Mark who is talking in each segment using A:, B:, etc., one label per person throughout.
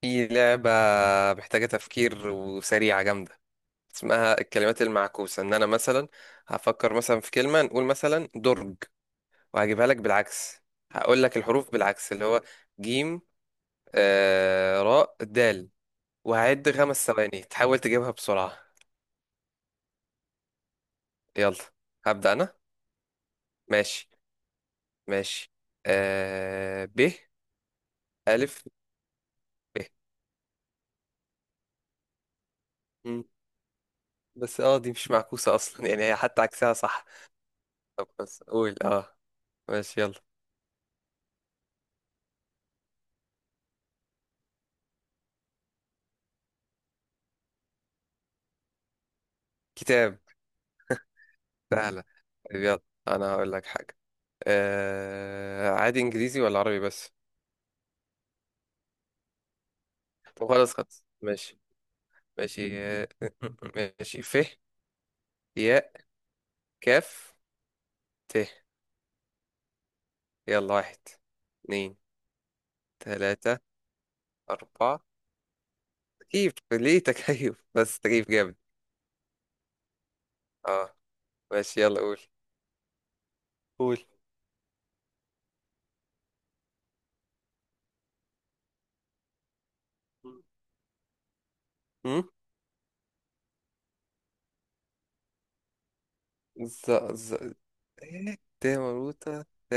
A: في لعبة محتاجة تفكير وسريعة جامدة. اسمها الكلمات المعكوسة. ان انا مثلا هفكر مثلا في كلمة، نقول مثلا درج، وهجيبها لك بالعكس. هقول لك الحروف بالعكس اللي هو جيم راء دال، وهعد 5 ثواني تحاول تجيبها بسرعة. يلا، هبدأ انا. ماشي ماشي، ب ألف ب. مم. بس اه، دي مش معكوسة اصلا، يعني هي حتى عكسها صح. طب بس قول اه. ماشي يلا. كتاب، سهلة. طيب يلا، أنا هقول لك حاجة. عادي إنجليزي ولا عربي بس؟ طب خلاص خلاص ماشي. ماشي ماشي ف ياء كاف ت. يلا، واحد اتنين تلاتة أربعة. تكييف، ليه تكييف؟ بس تكييف جامد. اه ماشي، يلا قول. قول. أم؟ ز ز. إيه؟ ت مربوطة ت.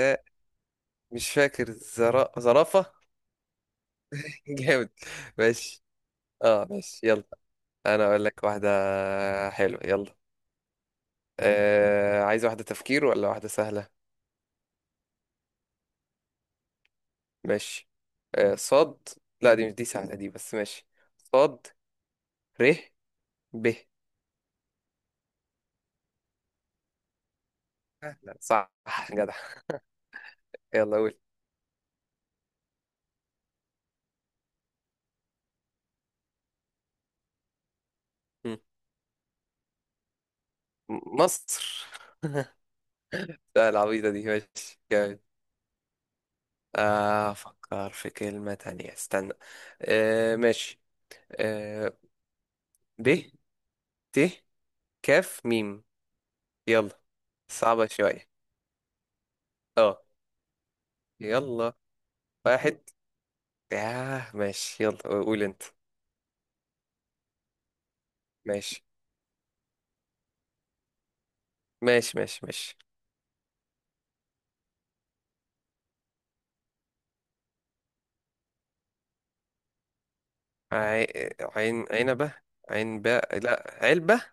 A: مش فاكر، زرافة. جامد. ماشي. اه ماشي يلا، انا اقول لك واحدة حلوة. يلا، عايز واحدة تفكير ولا واحدة سهلة؟ ماشي. صاد. لا، دي مش سهلة دي، بس ماشي. صاد ر ب. سهلة. صح. جدع. يلا قول. م- مصر. لا، العبيطة دي. ماشي جامد. أفكر في كلمة تانية، استنى. آه ماشي. آه ب ت كاف ميم. يلا. صعبة شوية. اه. يلا واحد. ياه، ماشي يلا قول انت. ماشي ماشي ماشي. ماشي. عي... عين عنبة. عين باء، لا علبة.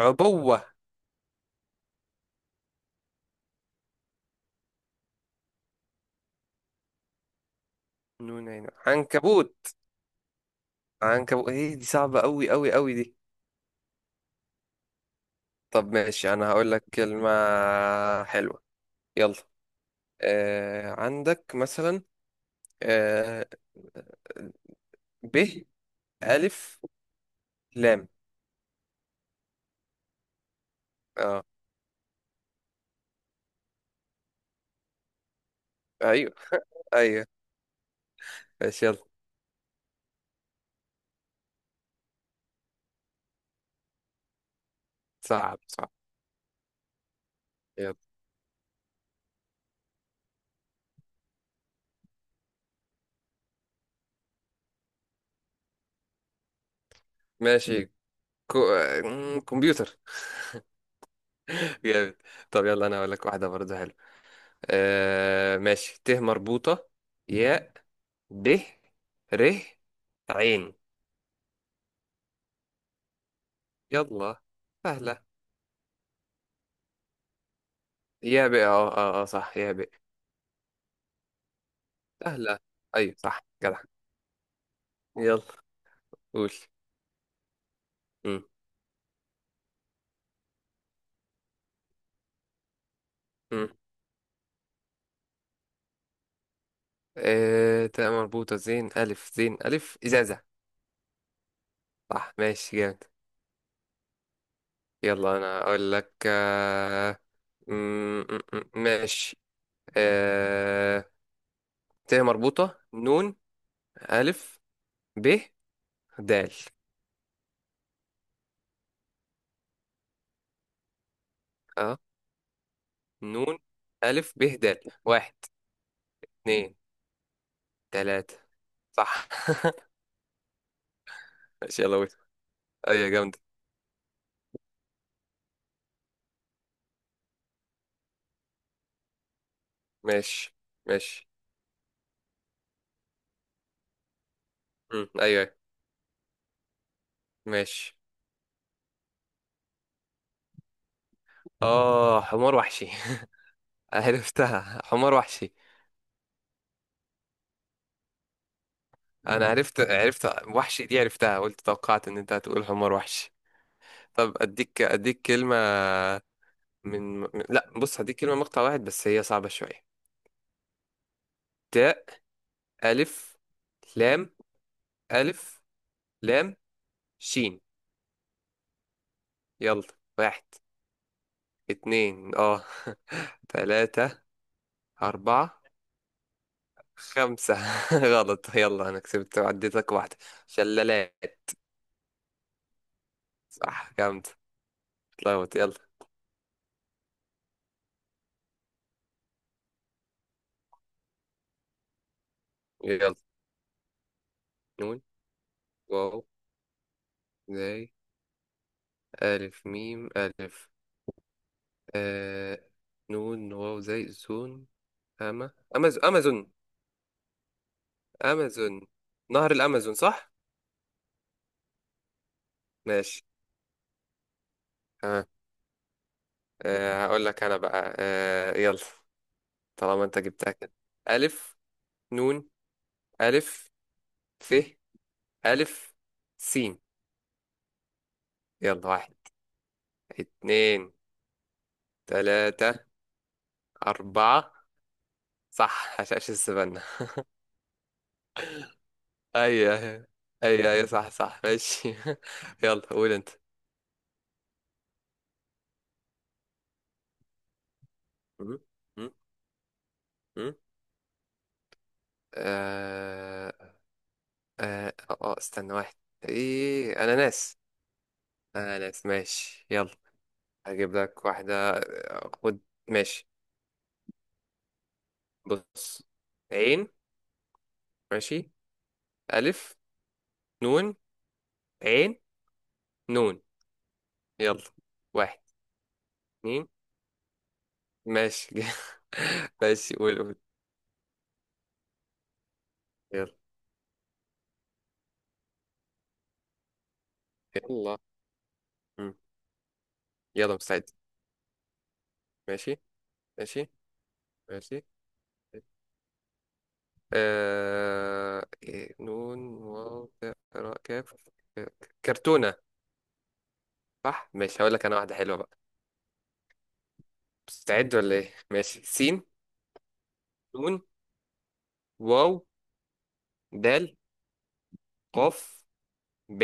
A: عبوة. نون عين، عنكبوت. عنكبوت، ايه دي؟ صعبة قوي قوي قوي دي. طب ماشي، انا هقول لك كلمة حلوة. يلا، عندك مثلا، آه... ب ألف لام. اه. ايوه. ايوه. ماشي يلا. صعب صعب. يلا. ماشي، كو... آه، كمبيوتر. جامد. طب يلا، انا اقول لك واحده برضه حلوه. آه ماشي، ت مربوطه ياء د ر عين. يلا. سهله. يا بقى، اه اه اه صح، يا بقى. سهله. ايوه صح. جدع. يلا قول. امم امم آه تاء مربوطه زين الف زين الف، ازازه. صح ماشي. جامد. يلا انا اقول لك. م- ماشي. آه ت مربوطه نون الف ب دال. اه نون ألف ب د. واحد اتنين تلاتة. صح. ماشي يلا ويت. أيوة جامدة. ماشي ماشي. مم. أيوة أيوة. ماشي. آه، حمار وحشي. عرفتها، حمار وحشي. أنا عرفت عرفت. وحشي دي عرفتها، قلت توقعت إن أنت هتقول حمار وحشي. طب أديك كلمة. لا بص، هديك كلمة مقطع واحد بس هي صعبة شوية. تاء ألف لام ألف لام شين. يلا. واحد اتنين اه تلاتة أربعة خمسة. غلط، يلا أنا كسبت وعديتك واحدة. شلالات. صح. جامد. اتلخبط يلا. يلا. نون واو زي ألف ميم ألف. آه نون واو زي زون. أما أمازون أمازون. أمازون، نهر الأمازون صح؟ ماشي. تمام. هقول لك أنا بقى. آه يلا. طالما أنت جبتها كده. ألف نون ألف ف ألف سين. يلا، واحد اتنين تلاتة أربعة. صح، هشاش السفنة. أي أي. أي أي صح صح. ماشي يلا قول أنت. م- م- م- آه آه استنى. واحد. إيه، أنا ناس. أنا ناس. ماشي يلا. هجيب لك واحدة، خد. ماشي. بص. عين. ماشي. ألف. نون عين نون. يلا. واحد اتنين. ماشي. ماشي، قول قول. يلا. يلا. مم. يلا مستعد. ماشي ماشي ماشي. آه... إيه، نون واو تاء، راء كاف. آه، كرتونة. صح ماشي. هقول لك انا واحدة حلوة بقى. مستعد ولا ايه؟ ماشي، سين نون واو دال قاف ب.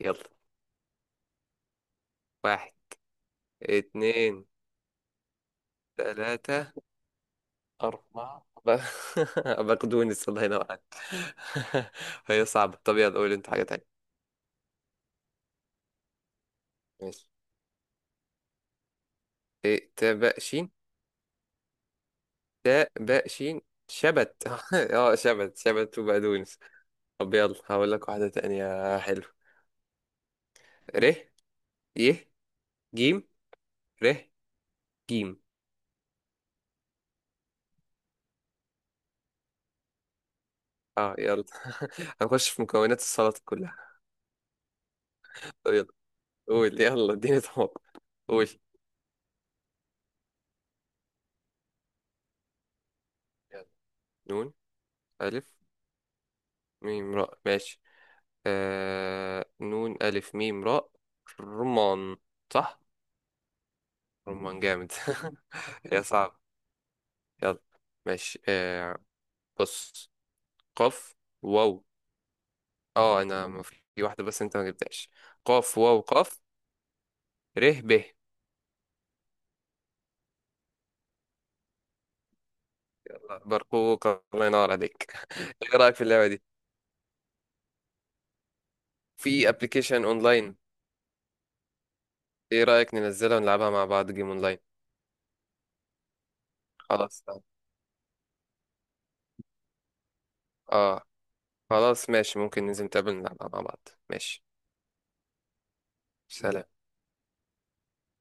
A: يلا. واحد اتنين تلاتة أربعة بقدونس، الله ينور عليك. هي صعبة. طب يلا قول انت حاجة تانية. ماشي. إيه، تاء باء شين. تاء باء شين. شبت. اه شبت، شبت وبقدونس. طب يلا هقول لك واحدة تانية. حلو. ر ي جيم ر جيم. اه يلا. هنخش في مكونات السلطة كلها. طب يلا قول. يلا اديني طبق. قول. يلا. نون ألف ميم راء. ماشي. آه نون ألف ميم راء. رمان. صح. رمان. جامد. يا صعب. يلا ماشي. آه بص. قاف واو. اه في واحدة بس انت ما جبتهاش. قاف واو قاف ر ب. يلا، برقوق. الله ينور عليك. ايه رأيك في اللعبة دي؟ في ابلكيشن اونلاين. ايه رأيك ننزلها ونلعبها مع بعض، جيم اونلاين؟ خلاص. اه. خلاص ماشي، ممكن ننزل نتقابل نلعبها مع بعض. ماشي. سلام.